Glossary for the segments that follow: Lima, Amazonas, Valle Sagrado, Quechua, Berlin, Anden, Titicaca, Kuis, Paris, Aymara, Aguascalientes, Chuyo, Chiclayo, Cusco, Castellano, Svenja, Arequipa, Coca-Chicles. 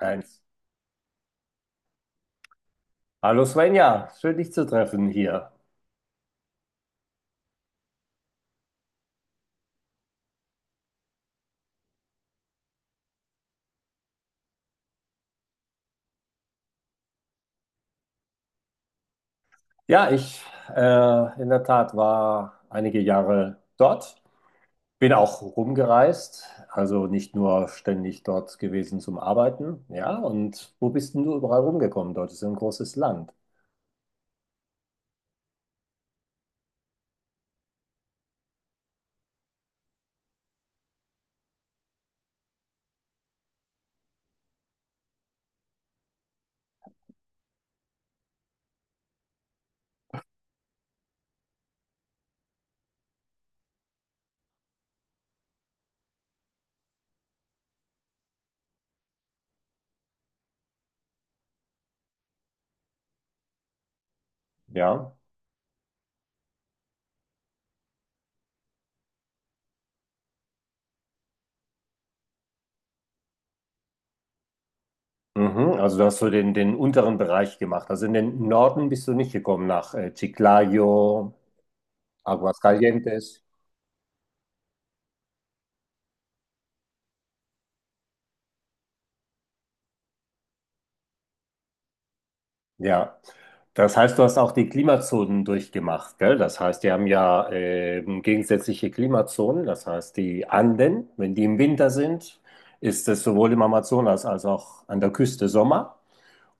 Eins. Hallo Svenja, schön dich zu treffen hier. Ja, ich in der Tat war einige Jahre dort, bin auch rumgereist, also nicht nur ständig dort gewesen zum Arbeiten. Ja, und wo bist denn du überall rumgekommen? Dort ist ja ein großes Land. Ja. Mhm, also du hast so den unteren Bereich gemacht. Also in den Norden bist du nicht gekommen, nach Chiclayo, Aguascalientes. Ja, das heißt, du hast auch die Klimazonen durchgemacht, gell? Das heißt, die haben ja gegensätzliche Klimazonen. Das heißt, die Anden, wenn die im Winter sind, ist es sowohl im Amazonas als auch an der Küste Sommer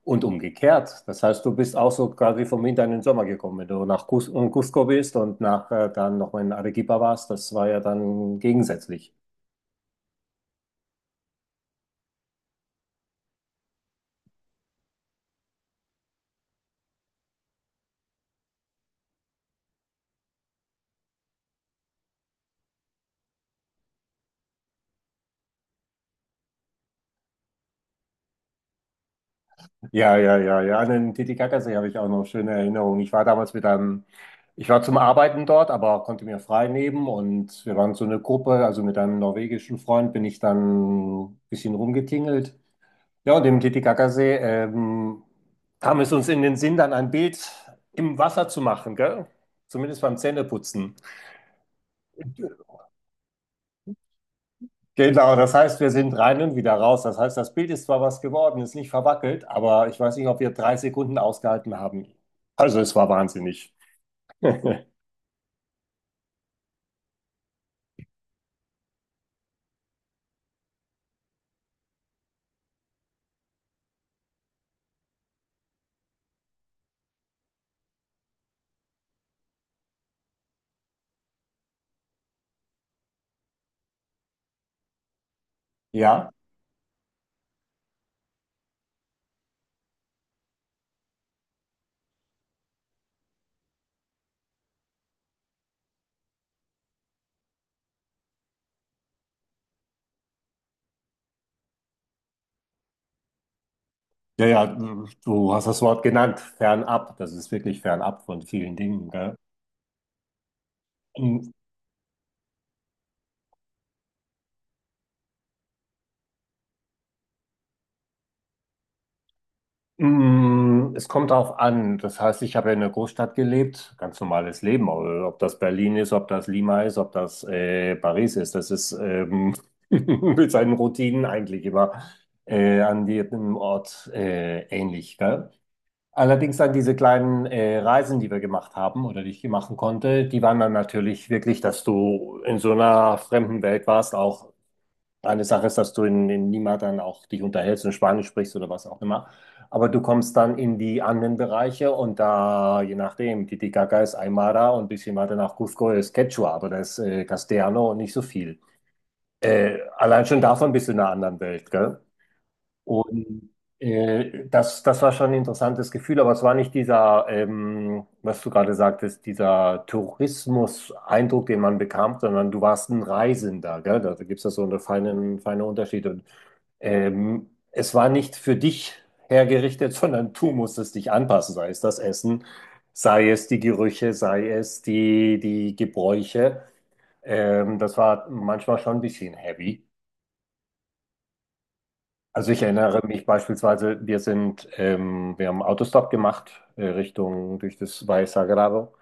und umgekehrt. Das heißt, du bist auch so quasi vom Winter in den Sommer gekommen. Wenn du nach Cusco bist und nach dann nochmal in Arequipa warst, das war ja dann gegensätzlich. Ja, ja, ja, ja. An den Titicacasee habe ich auch noch schöne Erinnerungen. Ich war damals mit einem, ich war zum Arbeiten dort, aber konnte mir frei nehmen und wir waren so eine Gruppe, also mit einem norwegischen Freund bin ich dann ein bisschen rumgetingelt. Ja, und im Titicacasee kam es uns in den Sinn, dann ein Bild im Wasser zu machen, gell? Zumindest beim Zähneputzen. Genau, das heißt, wir sind rein und wieder raus. Das heißt, das Bild ist zwar was geworden, ist nicht verwackelt, aber ich weiß nicht, ob wir 3 Sekunden ausgehalten haben. Also es war wahnsinnig. Ja, ja, ja, du hast das Wort genannt, fernab. Das ist wirklich fernab von vielen Dingen, gell? Es kommt darauf an. Das heißt, ich habe ja in der Großstadt gelebt, ganz normales Leben. Aber ob das Berlin ist, ob das Lima ist, ob das Paris ist, das ist mit seinen Routinen eigentlich immer an jedem Ort ähnlich. Gell? Allerdings dann diese kleinen Reisen, die wir gemacht haben oder die ich machen konnte, die waren dann natürlich wirklich, dass du in so einer fremden Welt warst, auch eine Sache ist, dass du in Lima dann auch dich unterhältst und Spanisch sprichst oder was auch immer. Aber du kommst dann in die anderen Bereiche und da, je nachdem, Titicaca ist Aymara und ein bisschen weiter nach Cusco ist Quechua, aber da ist Castellano und nicht so viel. Allein schon davon bist du in einer anderen Welt, gell? Und das, das war schon ein interessantes Gefühl, aber es war nicht dieser, was du gerade sagtest, dieser Tourismus-Eindruck, den man bekam, sondern du warst ein Reisender, gell? Da gibt es ja so einen feinen, feinen Unterschied. Und es war nicht für dich hergerichtet, sondern du musstest dich anpassen, sei es das Essen, sei es die Gerüche, sei es die Gebräuche. Das war manchmal schon ein bisschen heavy. Also ich erinnere mich beispielsweise, wir haben Autostop gemacht, Richtung durch das Valle Sagrado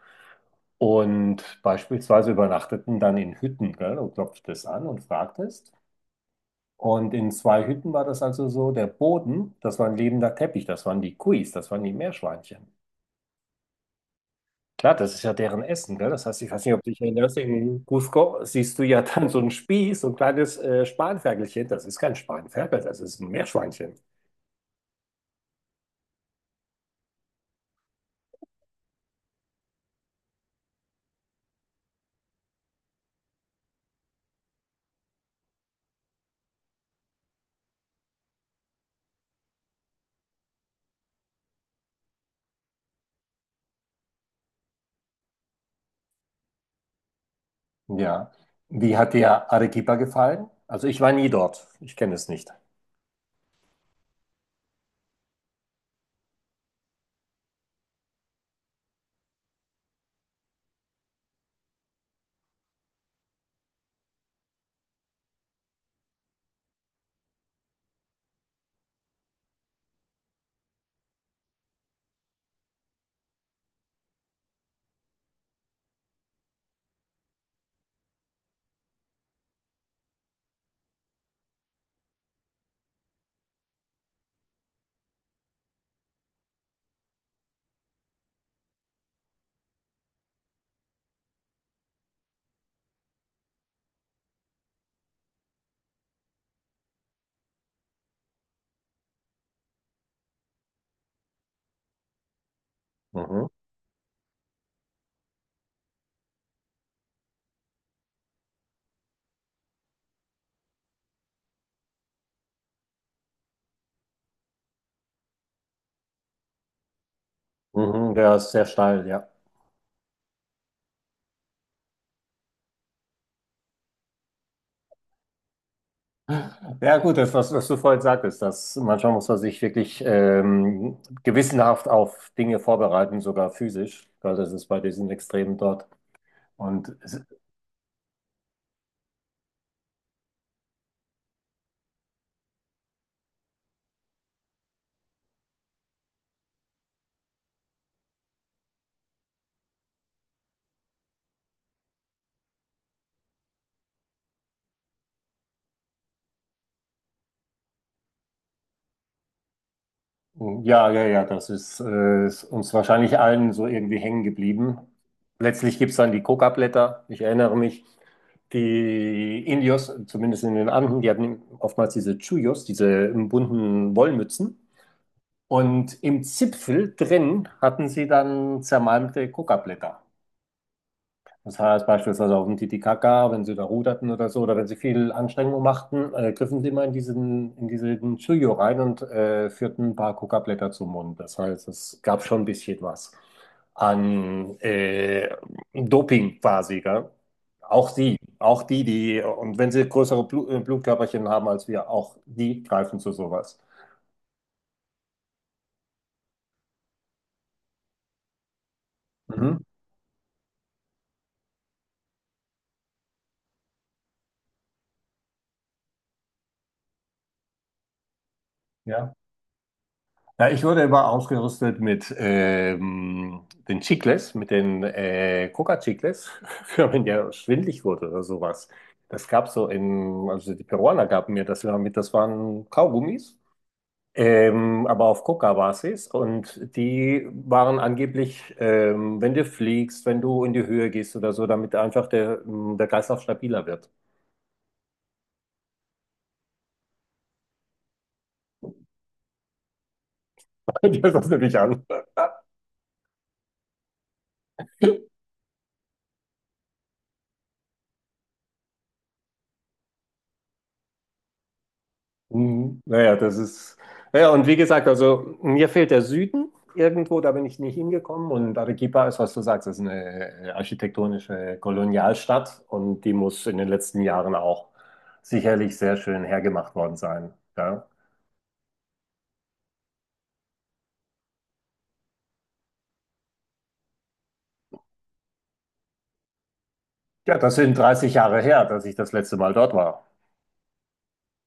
und beispielsweise übernachteten dann in Hütten, gell? Du klopftest an und fragtest. Und in zwei Hütten war das also so, der Boden, das war ein lebender Teppich, das waren die Kuis, das waren die Meerschweinchen. Klar, das ist ja deren Essen, gell? Das heißt, ich weiß nicht, ob du dich erinnerst, in Cusco siehst du ja dann so einen Spieß, so ein kleines Spanferkelchen. Das ist kein Spanferkel, das ist ein Meerschweinchen. Ja. Wie hat dir Arequipa gefallen? Also ich war nie dort. Ich kenne es nicht. Mhm. Mhm. Der ist sehr steil, ja. Ja gut, das, was du vorhin sagtest, dass manchmal muss man sich wirklich gewissenhaft auf Dinge vorbereiten, sogar physisch, weil das ist bei diesen Extremen dort. Und es ja, ja, ja, das ist, ist uns wahrscheinlich allen so irgendwie hängen geblieben. Letztlich gibt es dann die Coca-Blätter, ich erinnere mich. Die Indios, zumindest in den Anden, die hatten oftmals diese Chuyos, diese bunten Wollmützen. Und im Zipfel drin hatten sie dann zermalmte Coca-Blätter. Das heißt beispielsweise auf dem Titicaca, wenn sie da ruderten oder so, oder wenn sie viel Anstrengung machten, griffen sie immer in in diesen Chuyo rein und führten ein paar Kokablätter zum Mund. Das heißt, es gab schon ein bisschen was an Doping quasi, gell? Auch sie, und wenn sie größere Blutkörperchen haben als wir, auch die greifen zu sowas. Mhm. Ja. Ja, ich wurde immer ausgerüstet mit den Chicles, mit den Coca-Chicles, wenn man ja schwindlig wurde oder sowas. Das gab also die Peruaner gaben mir das immer mit, das waren Kaugummis, aber auf Coca-Basis. Und die waren angeblich, wenn du fliegst, wenn du in die Höhe gehst oder so, damit einfach der Kreislauf stabiler wird. Das ist natürlich an. Mhm. Naja, das ist. Ja, und wie gesagt, also mir fehlt der Süden irgendwo, da bin ich nicht hingekommen. Und Arequipa ist, was du sagst, ist eine architektonische Kolonialstadt und die muss in den letzten Jahren auch sicherlich sehr schön hergemacht worden sein. Ja, ja das sind 30 Jahre her, dass ich das letzte Mal dort war.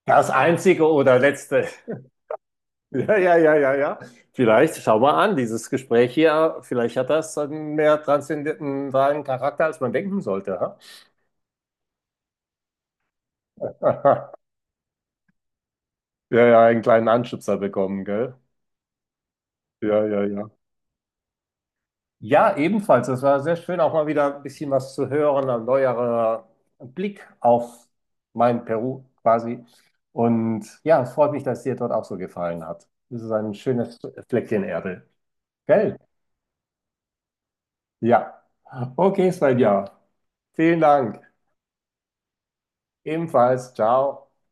Das einzige oder letzte. Ja, ja, ja, ja, ja. Vielleicht, schau mal an, dieses Gespräch hier, vielleicht hat das einen mehr transzendentalen Charakter, als man denken sollte. Ha? Ja, ja, einen kleinen Anschubser bekommen, gell? Ja, ja, ja. Ja, ebenfalls. Es war sehr schön, auch mal wieder ein bisschen was zu hören, ein neuerer Blick auf mein Peru quasi. Und ja, es freut mich, dass es dir dort auch so gefallen hat. Es ist ein schönes Fleckchen Erde. Gell? Ja. Okay, Svenja. Vielen Dank. Ebenfalls. Ciao.